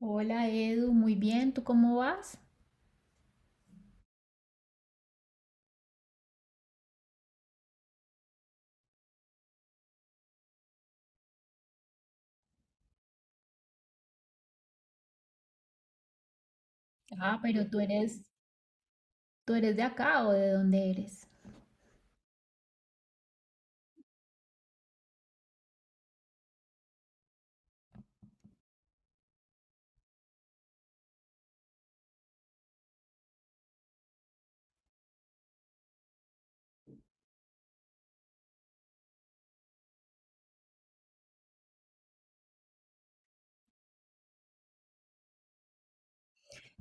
Hola Edu, muy bien, ¿tú cómo vas? Ah, pero tú eres de acá o ¿de dónde eres?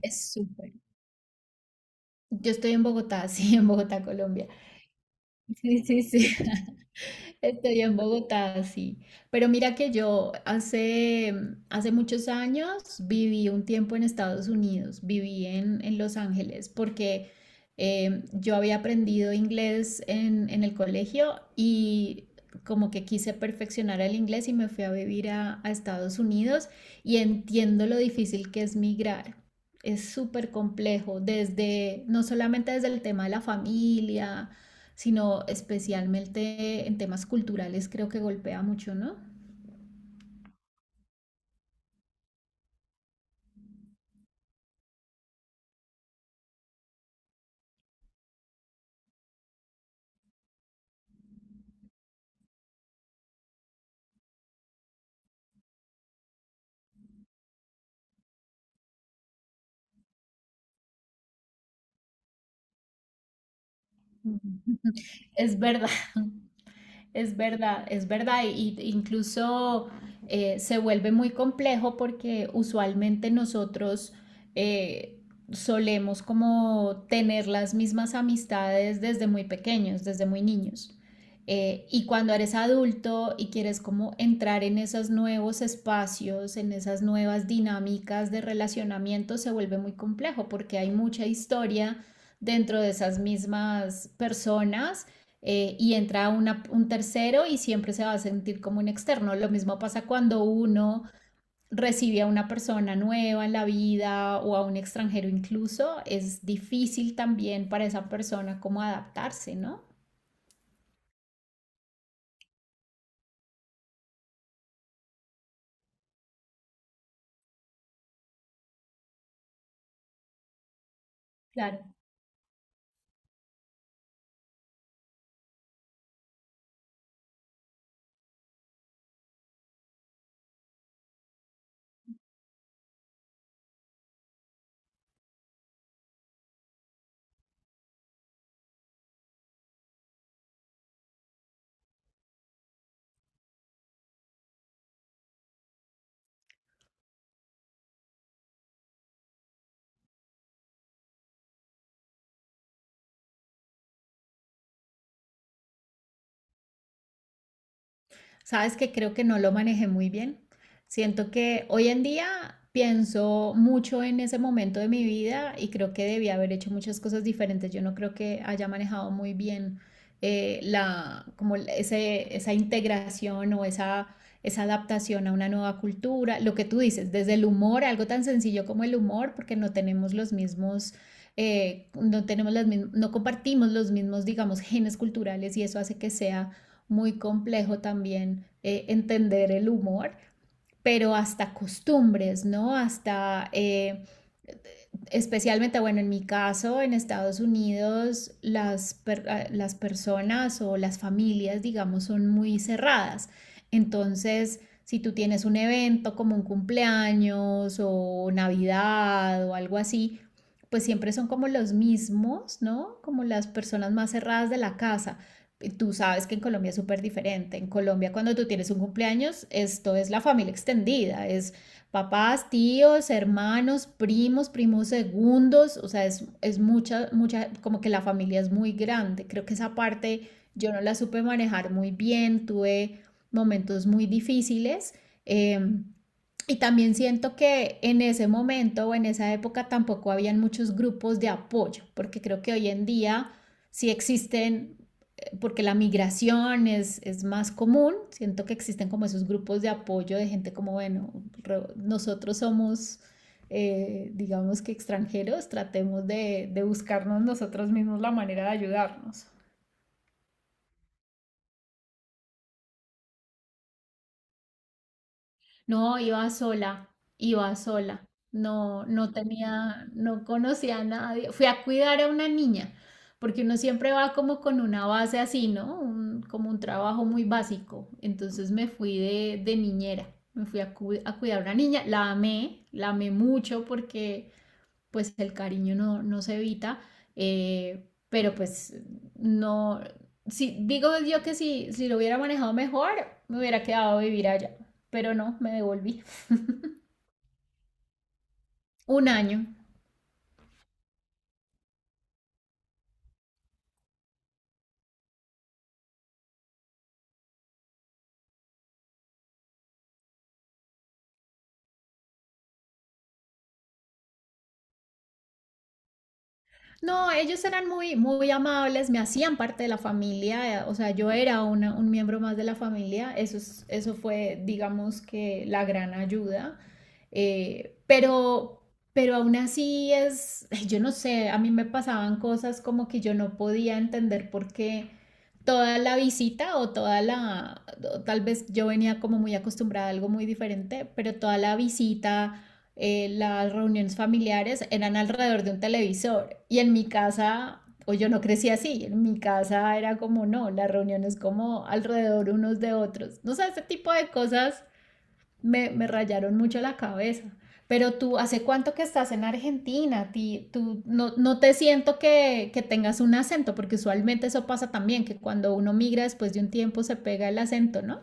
Es súper. Yo estoy en Bogotá, sí, en Bogotá, Colombia. Sí, sí, sí. Estoy en Bogotá, sí. Pero mira que yo hace, hace muchos años viví un tiempo en Estados Unidos, viví en Los Ángeles, porque yo había aprendido inglés en el colegio y como que quise perfeccionar el inglés y me fui a vivir a Estados Unidos y entiendo lo difícil que es migrar. Es súper complejo, desde, no solamente desde el tema de la familia, sino especialmente en temas culturales creo que golpea mucho, ¿no? Ujú. Es verdad. Es verdad, y incluso se vuelve muy complejo porque usualmente nosotros eh, solemos como tener las mismas amistades desde muy pequeños, desde muy niños. Y cuando eres adulto y quieres como entrar en esos nuevos espacios, en esas nuevas dinámicas de relacionamiento, se vuelve muy complejo porque hay mucha historia dentro de esas mismas personas y entra un tercero y siempre se va a sentir como un externo. Lo mismo pasa cuando uno recibe a una persona nueva en la vida o a un extranjero incluso, es difícil también para esa persona como adaptarse, ¿no? Claro. Sabes que creo que no lo manejé muy bien. Siento que hoy en día pienso mucho en ese momento de mi vida y creo que debía haber hecho muchas cosas diferentes. Yo no creo que haya manejado muy bien la, como esa integración o esa adaptación a una nueva cultura. Lo que tú dices, desde el humor, algo tan sencillo como el humor, porque no tenemos los mismos no tenemos las no compartimos los mismos, digamos, genes culturales y eso hace que sea muy complejo también entender el humor, pero hasta costumbres, ¿no? Hasta especialmente, bueno, en mi caso, en Estados Unidos, las, las personas o las familias, digamos, son muy cerradas. Entonces, si tú tienes un evento como un cumpleaños o Navidad o algo así, pues siempre son como los mismos, ¿no? Como las personas más cerradas de la casa. Tú sabes que en Colombia es súper diferente. En Colombia, cuando tú tienes un cumpleaños, esto es la familia extendida, es papás, tíos, hermanos, primos, primos segundos, o sea, es mucha, mucha, como que la familia es muy grande. Creo que esa parte yo no la supe manejar muy bien, tuve momentos muy difíciles. eh, y también siento que en ese momento o en esa época tampoco habían muchos grupos de apoyo, porque creo que hoy en día sí existen porque la migración es, más común, siento que existen como esos grupos de apoyo de gente como, bueno, re, nosotros somos, digamos que extranjeros, tratemos de buscarnos nosotros mismos la manera de ayudarnos. No, iba sola, iba sola. No, no tenía, no conocía a nadie. Fui a cuidar a una niña, porque uno siempre va como con una base así, ¿no? Como un trabajo muy básico. Entonces me fui de niñera, me fui a, a cuidar a una niña. La amé mucho porque pues el cariño no, no se evita, pero pues no, si, digo yo que si, si lo hubiera manejado mejor, me hubiera quedado a vivir allá, pero no, me devolví. Un año. No, ellos eran muy, muy amables, me hacían parte de la familia, o sea, yo era un miembro más de la familia, eso, eso fue, digamos que, la gran ayuda, eh, pero, pero aún así es, yo no sé, a mí me pasaban cosas como que yo no podía entender por qué toda la visita o toda la, o tal vez yo venía como muy acostumbrada a algo muy diferente, pero toda la visita las reuniones familiares eran alrededor de un televisor y en mi casa, o yo no crecí así, en mi casa era como no, las reuniones como alrededor unos de otros. No sé, ese tipo de cosas me, me rayaron mucho la cabeza. Pero tú, ¿hace cuánto que estás en Argentina? Tú no, no te siento que tengas un acento, porque usualmente eso pasa también, que cuando uno migra después de un tiempo se pega el acento, ¿no?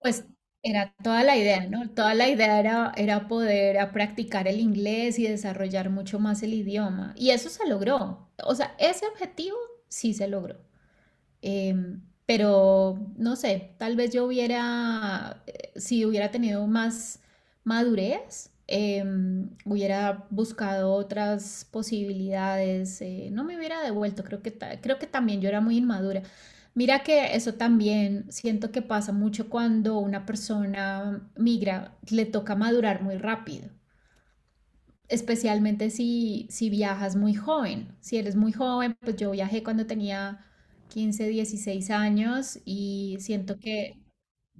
Pues era toda la idea, ¿no? Toda la idea era, era poder a practicar el inglés y desarrollar mucho más el idioma. Y eso se logró. O sea, ese objetivo sí se logró. Em, pero no sé, tal vez yo hubiera, si hubiera tenido más madurez, hubiera buscado otras posibilidades, no me hubiera devuelto, creo que, creo que también yo era muy inmadura. Mira que eso también siento que pasa mucho cuando una persona migra, le toca madurar muy rápido especialmente si, si viajas muy joven. Si eres muy joven, pues yo viajé cuando tenía 15 16 años y siento que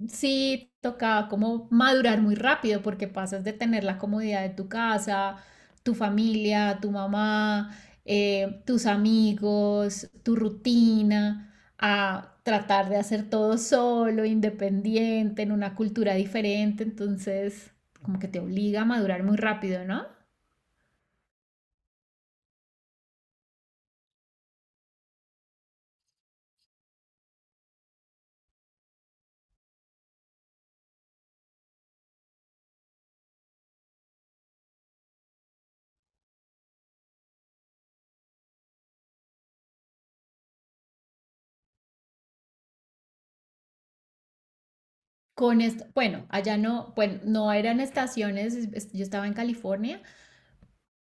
sí tocaba como madurar muy rápido porque pasas de tener la comodidad de tu casa, tu familia, tu mamá, tus amigos, tu rutina, a tratar de hacer todo solo, independiente, en una cultura diferente. Entonces, como que te obliga a madurar muy rápido, ¿no? Con esto, bueno, allá no, bueno, no eran estaciones, yo estaba en California,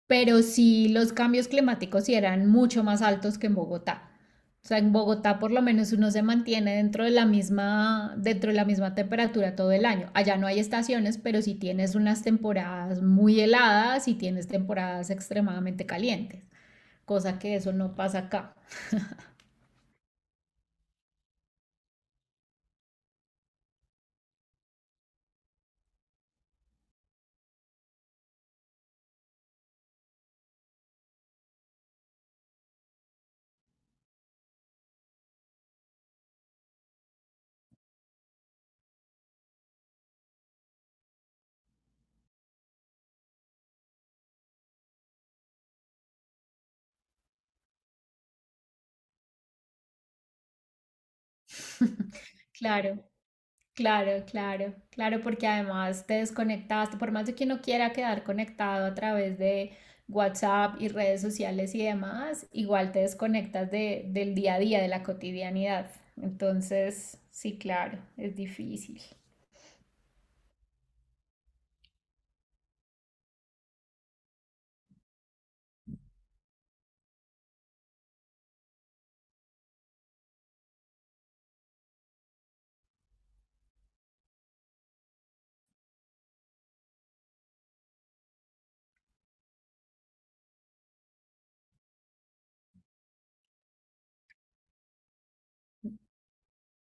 pero sí los cambios climáticos sí eran mucho más altos que en Bogotá. O sea, en Bogotá por lo menos uno se mantiene dentro de la misma, dentro de la misma temperatura todo el año. Allá no hay estaciones, pero sí tienes unas temporadas muy heladas y tienes temporadas extremadamente calientes, cosa que eso no pasa acá. Claro. Claro, claro, claro, porque además te desconectaste, por más de que uno quiera quedar conectado a través de WhatsApp y redes sociales y demás, igual te desconectas de, del día a día, de la cotidianidad. Entonces, sí, claro, es difícil.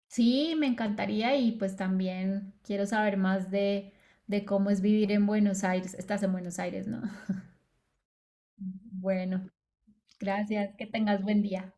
Sí, me encantaría y pues también quiero saber más de cómo es vivir en Buenos Aires. Estás en Buenos Aires, ¿no? Bueno, gracias, que tengas buen día.